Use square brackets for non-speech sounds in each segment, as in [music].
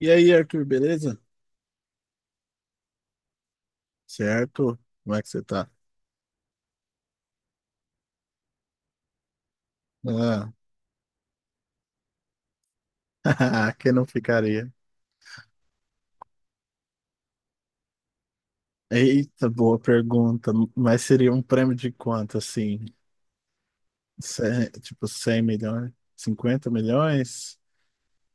E aí, Arthur, beleza? Certo? Como é que você tá? Ah, [laughs] quem não ficaria? Eita, boa pergunta. Mas seria um prêmio de quanto, assim? Tipo, 100 milhões? 50 milhões?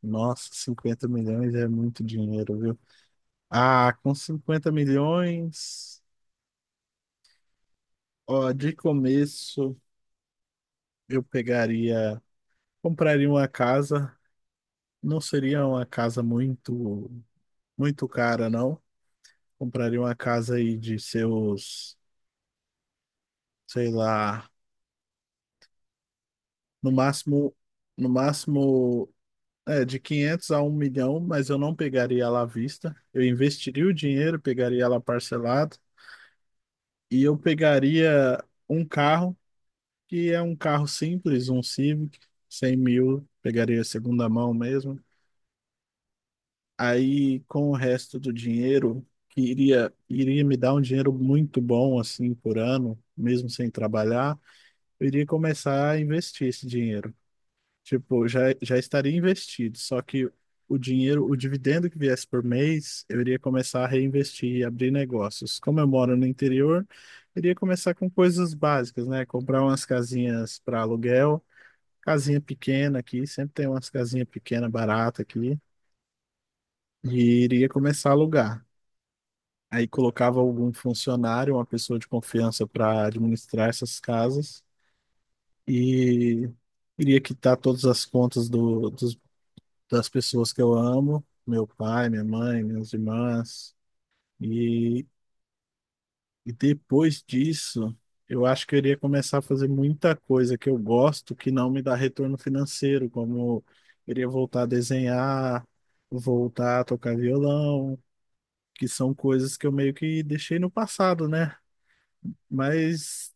Nossa, 50 milhões é muito dinheiro, viu? Ah, com 50 milhões, ó, de começo eu pegaria, compraria uma casa. Não seria uma casa muito, muito cara, não. Compraria uma casa aí de seus, sei lá, no máximo, no máximo, de 500 a 1 milhão, mas eu não pegaria ela à vista. Eu investiria o dinheiro, pegaria ela parcelado e eu pegaria um carro, que é um carro simples, um Civic, 100 mil, pegaria segunda mão mesmo. Aí, com o resto do dinheiro, que iria me dar um dinheiro muito bom, assim, por ano, mesmo sem trabalhar, eu iria começar a investir esse dinheiro. Tipo, já estaria investido, só que o dinheiro, o dividendo que viesse por mês, eu iria começar a reinvestir e abrir negócios. Como eu moro no interior, eu iria começar com coisas básicas, né? Comprar umas casinhas para aluguel, casinha pequena aqui, sempre tem umas casinhas pequenas barata aqui, e iria começar a alugar. Aí colocava algum funcionário, uma pessoa de confiança para administrar essas casas, e iria quitar todas as contas do, das pessoas que eu amo, meu pai, minha mãe, minhas irmãs. E, e depois disso, eu acho que eu iria começar a fazer muita coisa que eu gosto que não me dá retorno financeiro, como eu iria voltar a desenhar, voltar a tocar violão, que são coisas que eu meio que deixei no passado, né? Mas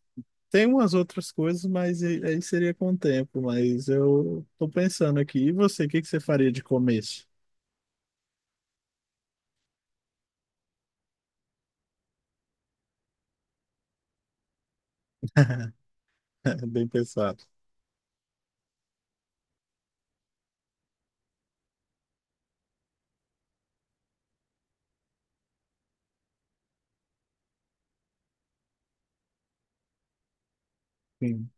tem umas outras coisas, mas aí seria com o tempo. Mas eu tô pensando aqui. E você, o que que você faria de começo? [laughs] Bem pensado. Sim.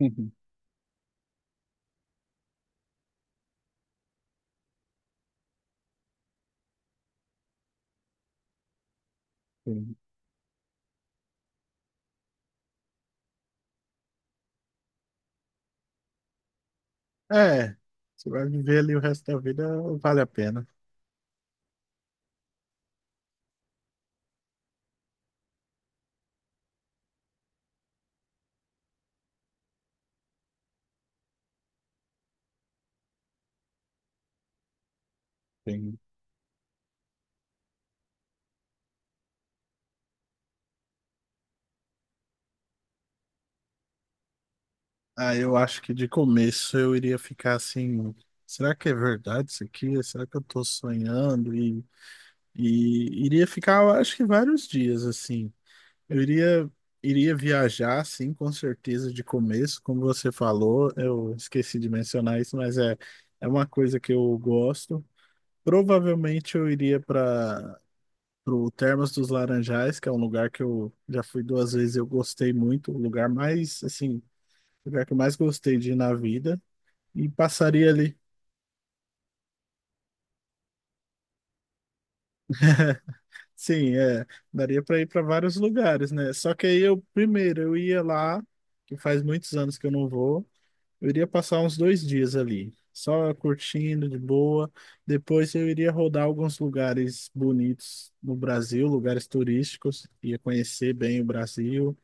[laughs] Sim. É, você vai viver ali o resto da vida, vale a pena. Sim. Ah, eu acho que de começo eu iria ficar assim. Será que é verdade isso aqui? Será que eu tô sonhando? E iria ficar, eu acho que vários dias assim. Eu iria viajar, sim, com certeza, de começo. Como você falou, eu esqueci de mencionar isso, mas é uma coisa que eu gosto. Provavelmente eu iria para o Termas dos Laranjais, que é um lugar que eu já fui duas vezes e eu gostei muito. O lugar mais, assim, o lugar que eu mais gostei de ir na vida. E passaria ali. [laughs] Sim, é. Daria para ir para vários lugares, né? Só que aí eu, primeiro, eu ia lá, que faz muitos anos que eu não vou. Eu iria passar uns 2 dias ali, só curtindo de boa. Depois eu iria rodar alguns lugares bonitos no Brasil, lugares turísticos, ia conhecer bem o Brasil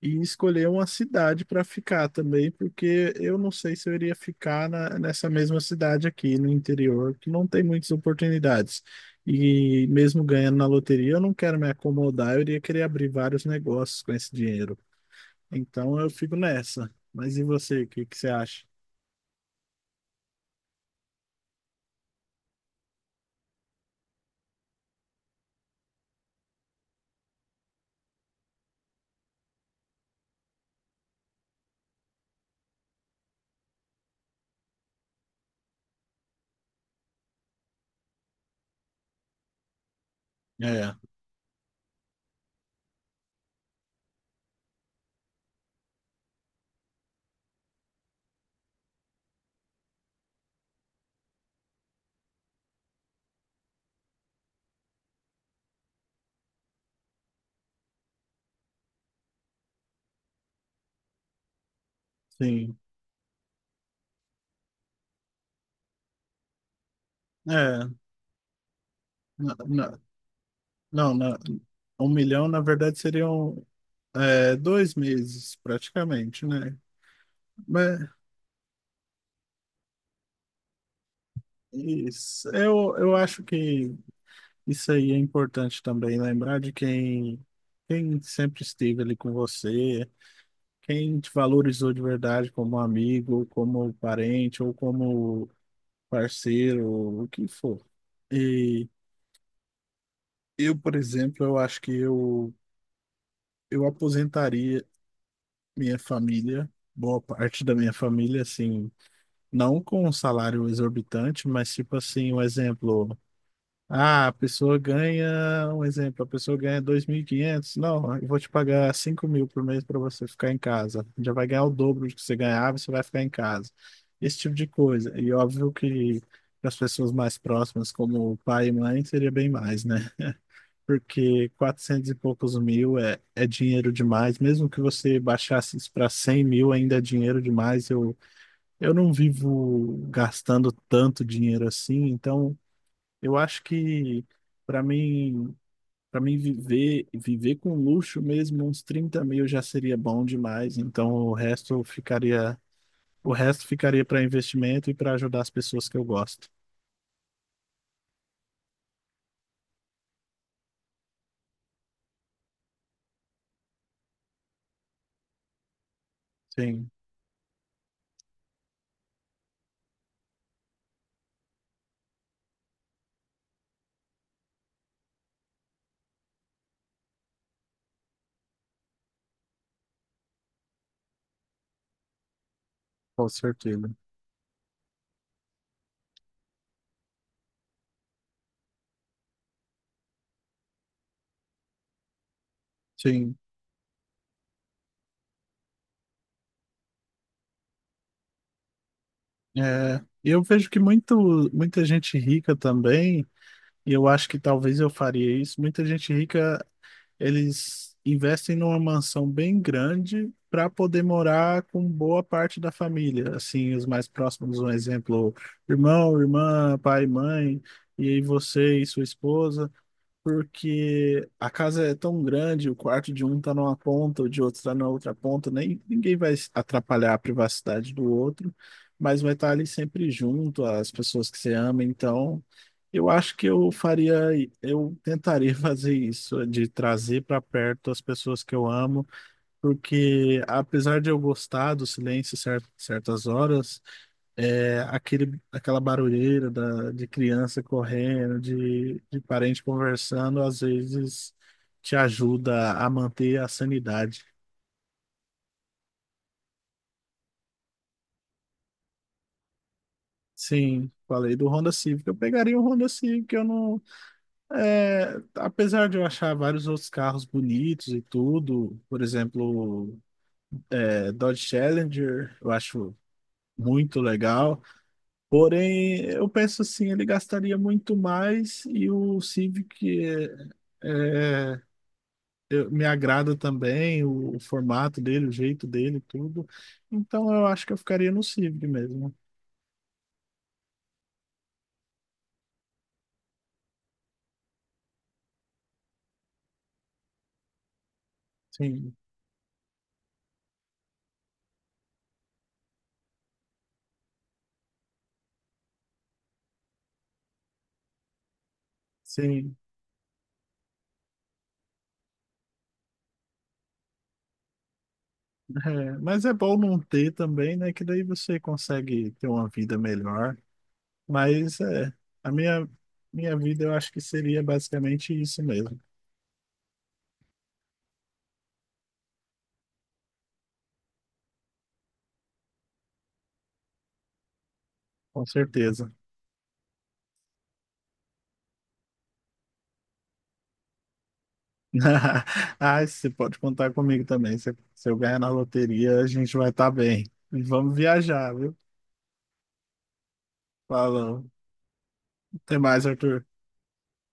e escolher uma cidade para ficar também, porque eu não sei se eu iria ficar nessa mesma cidade aqui no interior, que não tem muitas oportunidades. E mesmo ganhando na loteria, eu não quero me acomodar, eu iria querer abrir vários negócios com esse dinheiro. Então eu fico nessa. Mas e você, o que que você acha? É, sim. É, na- na- não, 1 milhão na verdade seriam, 2 meses praticamente, né? Mas isso, eu acho que isso aí é importante também, lembrar de quem sempre esteve ali com você, quem te valorizou de verdade como amigo, como parente ou como parceiro, o que for. E eu, por exemplo, eu acho que eu aposentaria. Minha família, boa parte da minha família, assim, não com um salário exorbitante, mas tipo assim, um exemplo. Ah, a pessoa ganha, um exemplo, a pessoa ganha 2.500. Não, eu vou te pagar 5.000 por mês para você ficar em casa. Já vai ganhar o dobro do que você ganhava, você vai ficar em casa. Esse tipo de coisa. E óbvio que para as pessoas mais próximas, como pai e mãe, seria bem mais, né? Porque 400 e poucos mil é, é dinheiro demais. Mesmo que você baixasse isso para 100 mil, ainda é dinheiro demais. Eu não vivo gastando tanto dinheiro assim, então eu acho que para mim, para mim, viver com luxo mesmo, uns 30 mil já seria bom demais. Então o resto ficaria para investimento e para ajudar as pessoas que eu gosto. Sim, com certeza. Sim. É, eu vejo que muita gente rica também, e eu acho que talvez eu faria isso. Muita gente rica, eles investem numa mansão bem grande para poder morar com boa parte da família. Assim, os mais próximos, um exemplo, irmão, irmã, pai, mãe, e aí você e sua esposa, porque a casa é tão grande, o quarto de um tá numa ponta, o de outro tá na outra ponta, nem ninguém vai atrapalhar a privacidade do outro, mas vai estar ali sempre junto, as pessoas que você ama, então eu acho que eu faria, eu tentaria [laughs] fazer isso, de trazer para perto as pessoas que eu amo, porque apesar de eu gostar do silêncio certas horas, é, aquela barulheira de criança correndo, de parente conversando, às vezes te ajuda a manter a sanidade. Sim, falei do Honda Civic. Eu pegaria o Honda Civic. Eu não, apesar de eu achar vários outros carros bonitos e tudo, por exemplo, Dodge Challenger, eu acho muito legal. Porém, eu penso assim, ele gastaria muito mais e o Civic é, me agrada também o formato dele, o jeito dele, tudo. Então eu acho que eu ficaria no Civic mesmo. Sim, sim. É, mas é bom não ter também, né? Que daí você consegue ter uma vida melhor. Mas é, a minha, minha vida eu acho que seria basicamente isso mesmo, com certeza. [laughs] Ah, você pode contar comigo também. Se eu ganhar na loteria, a gente vai estar bem. E vamos viajar, viu? Falou. Até mais, Arthur.